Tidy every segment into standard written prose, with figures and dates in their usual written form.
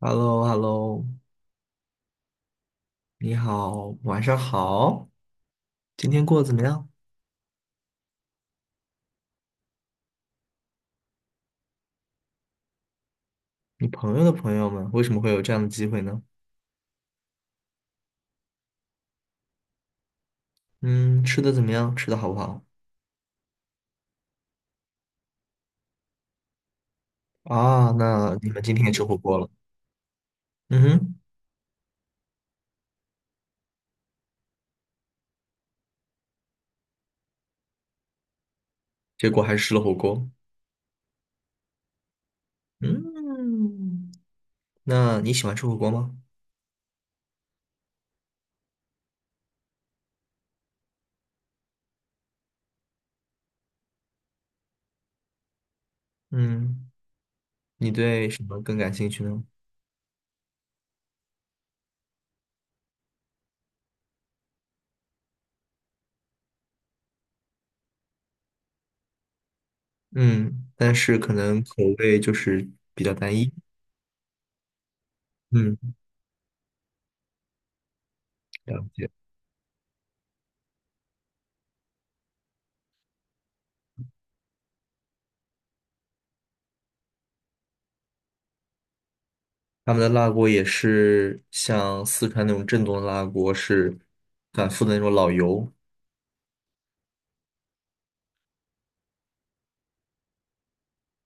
h e l l o h e l l o 你好，晚上好，今天过得怎么样？你朋友的朋友们为什么会有这样的机会呢？嗯，吃的怎么样？吃的好不好？啊，那你们今天也吃火锅了？嗯哼，结果还是吃了火锅。嗯，那你喜欢吃火锅吗？嗯，你对什么更感兴趣呢？嗯，但是可能口味就是比较单一。嗯，了解。他们的辣锅也是像四川那种正宗的辣锅，是反复的那种老油。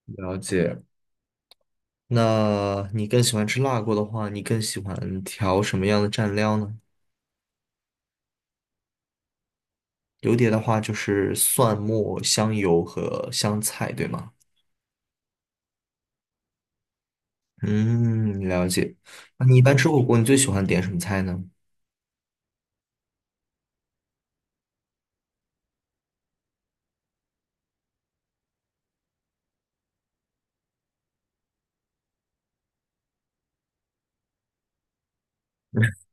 了解。那你更喜欢吃辣锅的话，你更喜欢调什么样的蘸料呢？油碟的话就是蒜末、香油和香菜，对吗？嗯，了解。那你一般吃火锅，你最喜欢点什么菜呢？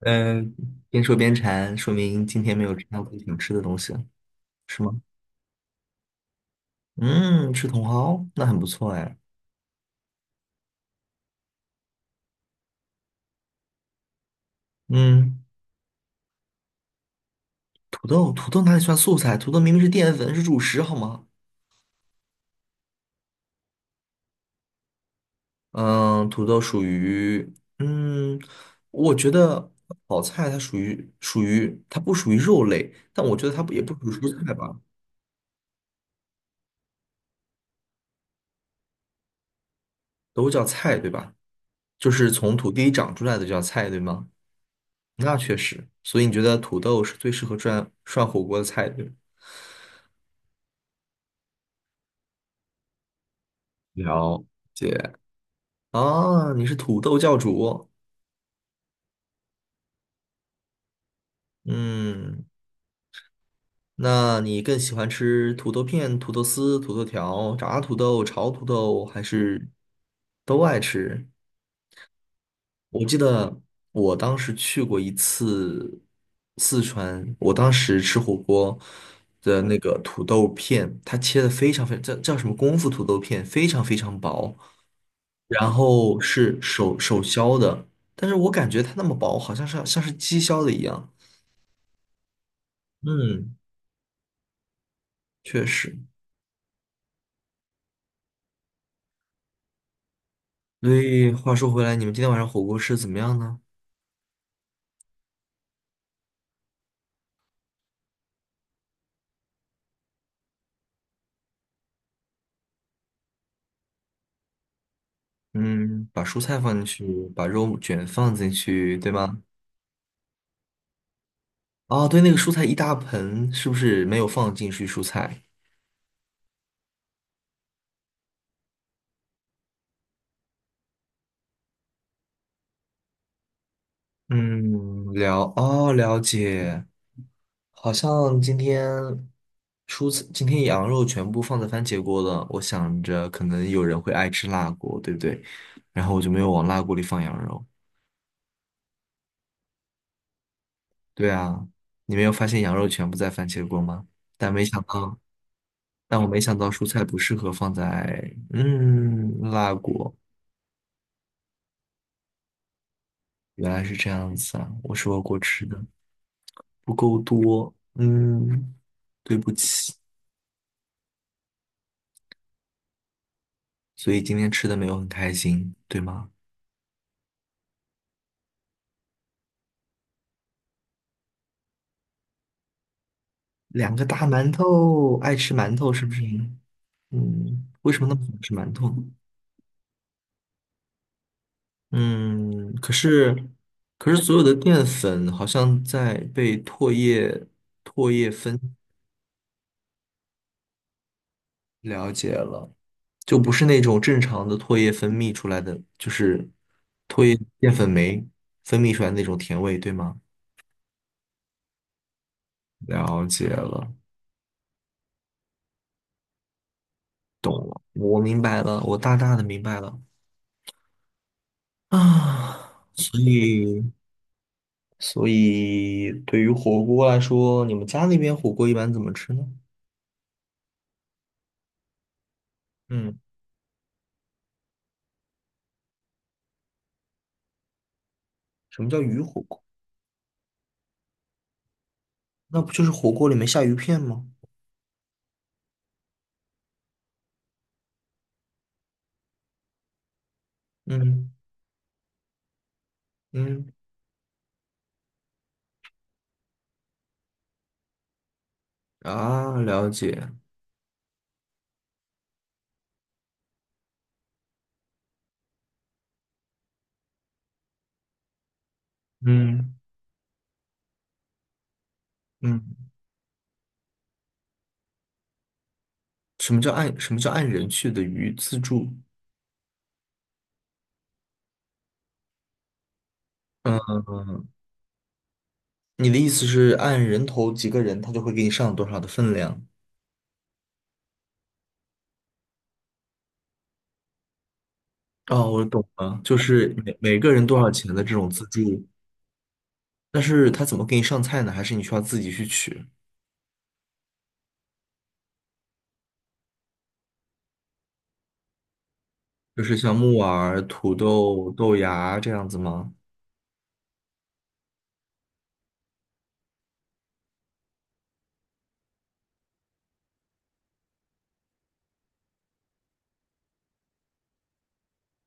嗯，边说边馋，说明今天没有吃到自己想吃的东西了是吗？嗯，吃茼蒿，那很不错哎。嗯。土豆，土豆哪里算素菜？土豆明明是淀粉，是主食，好吗？嗯，土豆属于，嗯，我觉得炒菜它属于它不属于肉类，但我觉得它不也不属于蔬菜吧，都叫菜，对吧？就是从土地里长出来的就叫菜，对吗？那确实，所以你觉得土豆是最适合涮涮火锅的菜，对吗？解解啊，你是土豆教主，嗯，那你更喜欢吃土豆片、土豆丝、土豆条、炸土豆、炒土豆，还是都爱吃？我记得我当时去过一次四川，我当时吃火锅的那个土豆片，它切的非常非常叫叫什么功夫土豆片，非常非常薄，然后是手削的，但是我感觉它那么薄，好像是像是机削的一样。嗯，确实。所以话说回来，你们今天晚上火锅吃的怎么样呢？嗯，把蔬菜放进去，把肉卷放进去，对吗？哦，对，那个蔬菜一大盆，是不是没有放进去蔬菜？嗯，了，哦，了解。好像今天蔬菜，今天羊肉全部放在番茄锅了。我想着可能有人会爱吃辣锅，对不对？然后我就没有往辣锅里放羊肉。对啊，你没有发现羊肉全部在番茄锅吗？但没想到，但我没想到蔬菜不适合放在嗯辣锅。原来是这样子啊，我是我吃的不够多，嗯，对不起，所以今天吃的没有很开心，对吗？两个大馒头，爱吃馒头是不是？嗯，为什么那么喜欢吃馒头呢？嗯，可是，可是所有的淀粉好像在被唾液分了解了，就不是那种正常的唾液分泌出来的，就是唾液淀粉酶分泌出来的那种甜味，对吗？了解了，我明白了，我大大的明白了啊。所以，所以对于火锅来说，你们家那边火锅一般怎么吃呢？嗯，什么叫鱼火锅？那不就是火锅里面下鱼片吗？嗯嗯啊，了解。嗯嗯，什么叫按人去的鱼自助？嗯，你的意思是按人头几个人，他就会给你上多少的分量？哦，我懂了，就是每个人多少钱的这种自助，但是他怎么给你上菜呢？还是你需要自己去取？就是像木耳、土豆、豆芽这样子吗？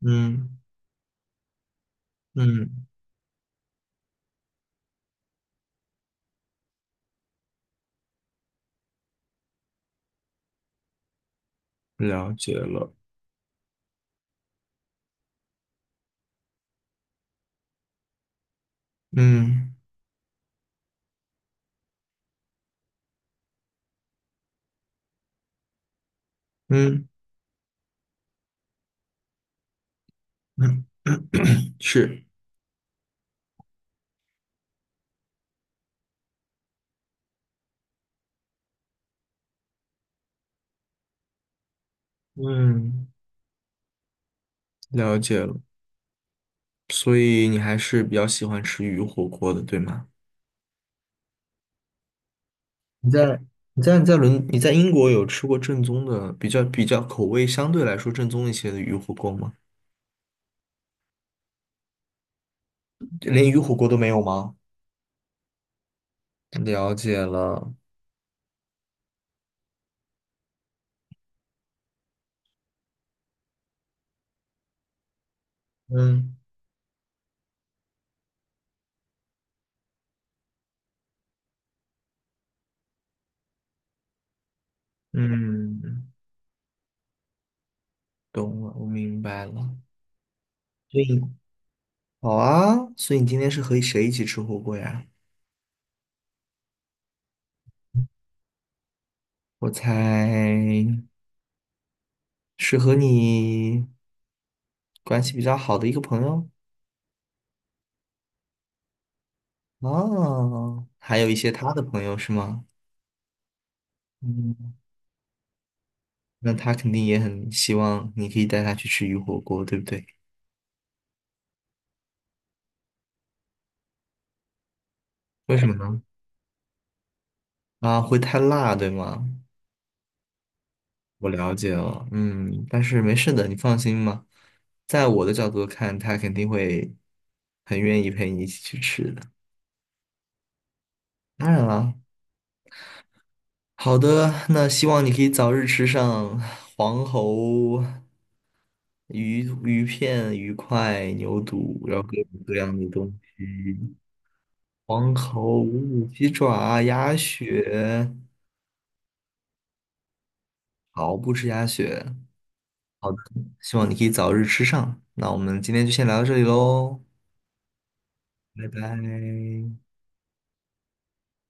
嗯嗯，了解了。嗯嗯嗯，是，嗯，了解了。所以你还是比较喜欢吃鱼火锅的，对吗？你在你在你在英国有吃过正宗的，比较口味相对来说正宗一些的鱼火锅吗？连鱼火锅都没有吗？了解了，嗯，嗯，懂了，我明白了。所以好啊，所以你今天是和谁一起吃火锅呀？我猜是和你关系比较好的一个朋友。哦，还有一些他的朋友是吗？嗯，那他肯定也很希望你可以带他去吃鱼火锅，对不对？为什么呢？啊，会太辣，对吗？我了解了，嗯，但是没事的，你放心吧。在我的角度看，他肯定会很愿意陪你一起去吃的。当然了，好的，那希望你可以早日吃上黄喉鱼片、鱼块、牛肚，然后各种各样的东西，黄喉、五鸡爪、鸭血。好，不吃鸭血，希望你可以早日吃上。那我们今天就先聊到这里喽，拜拜。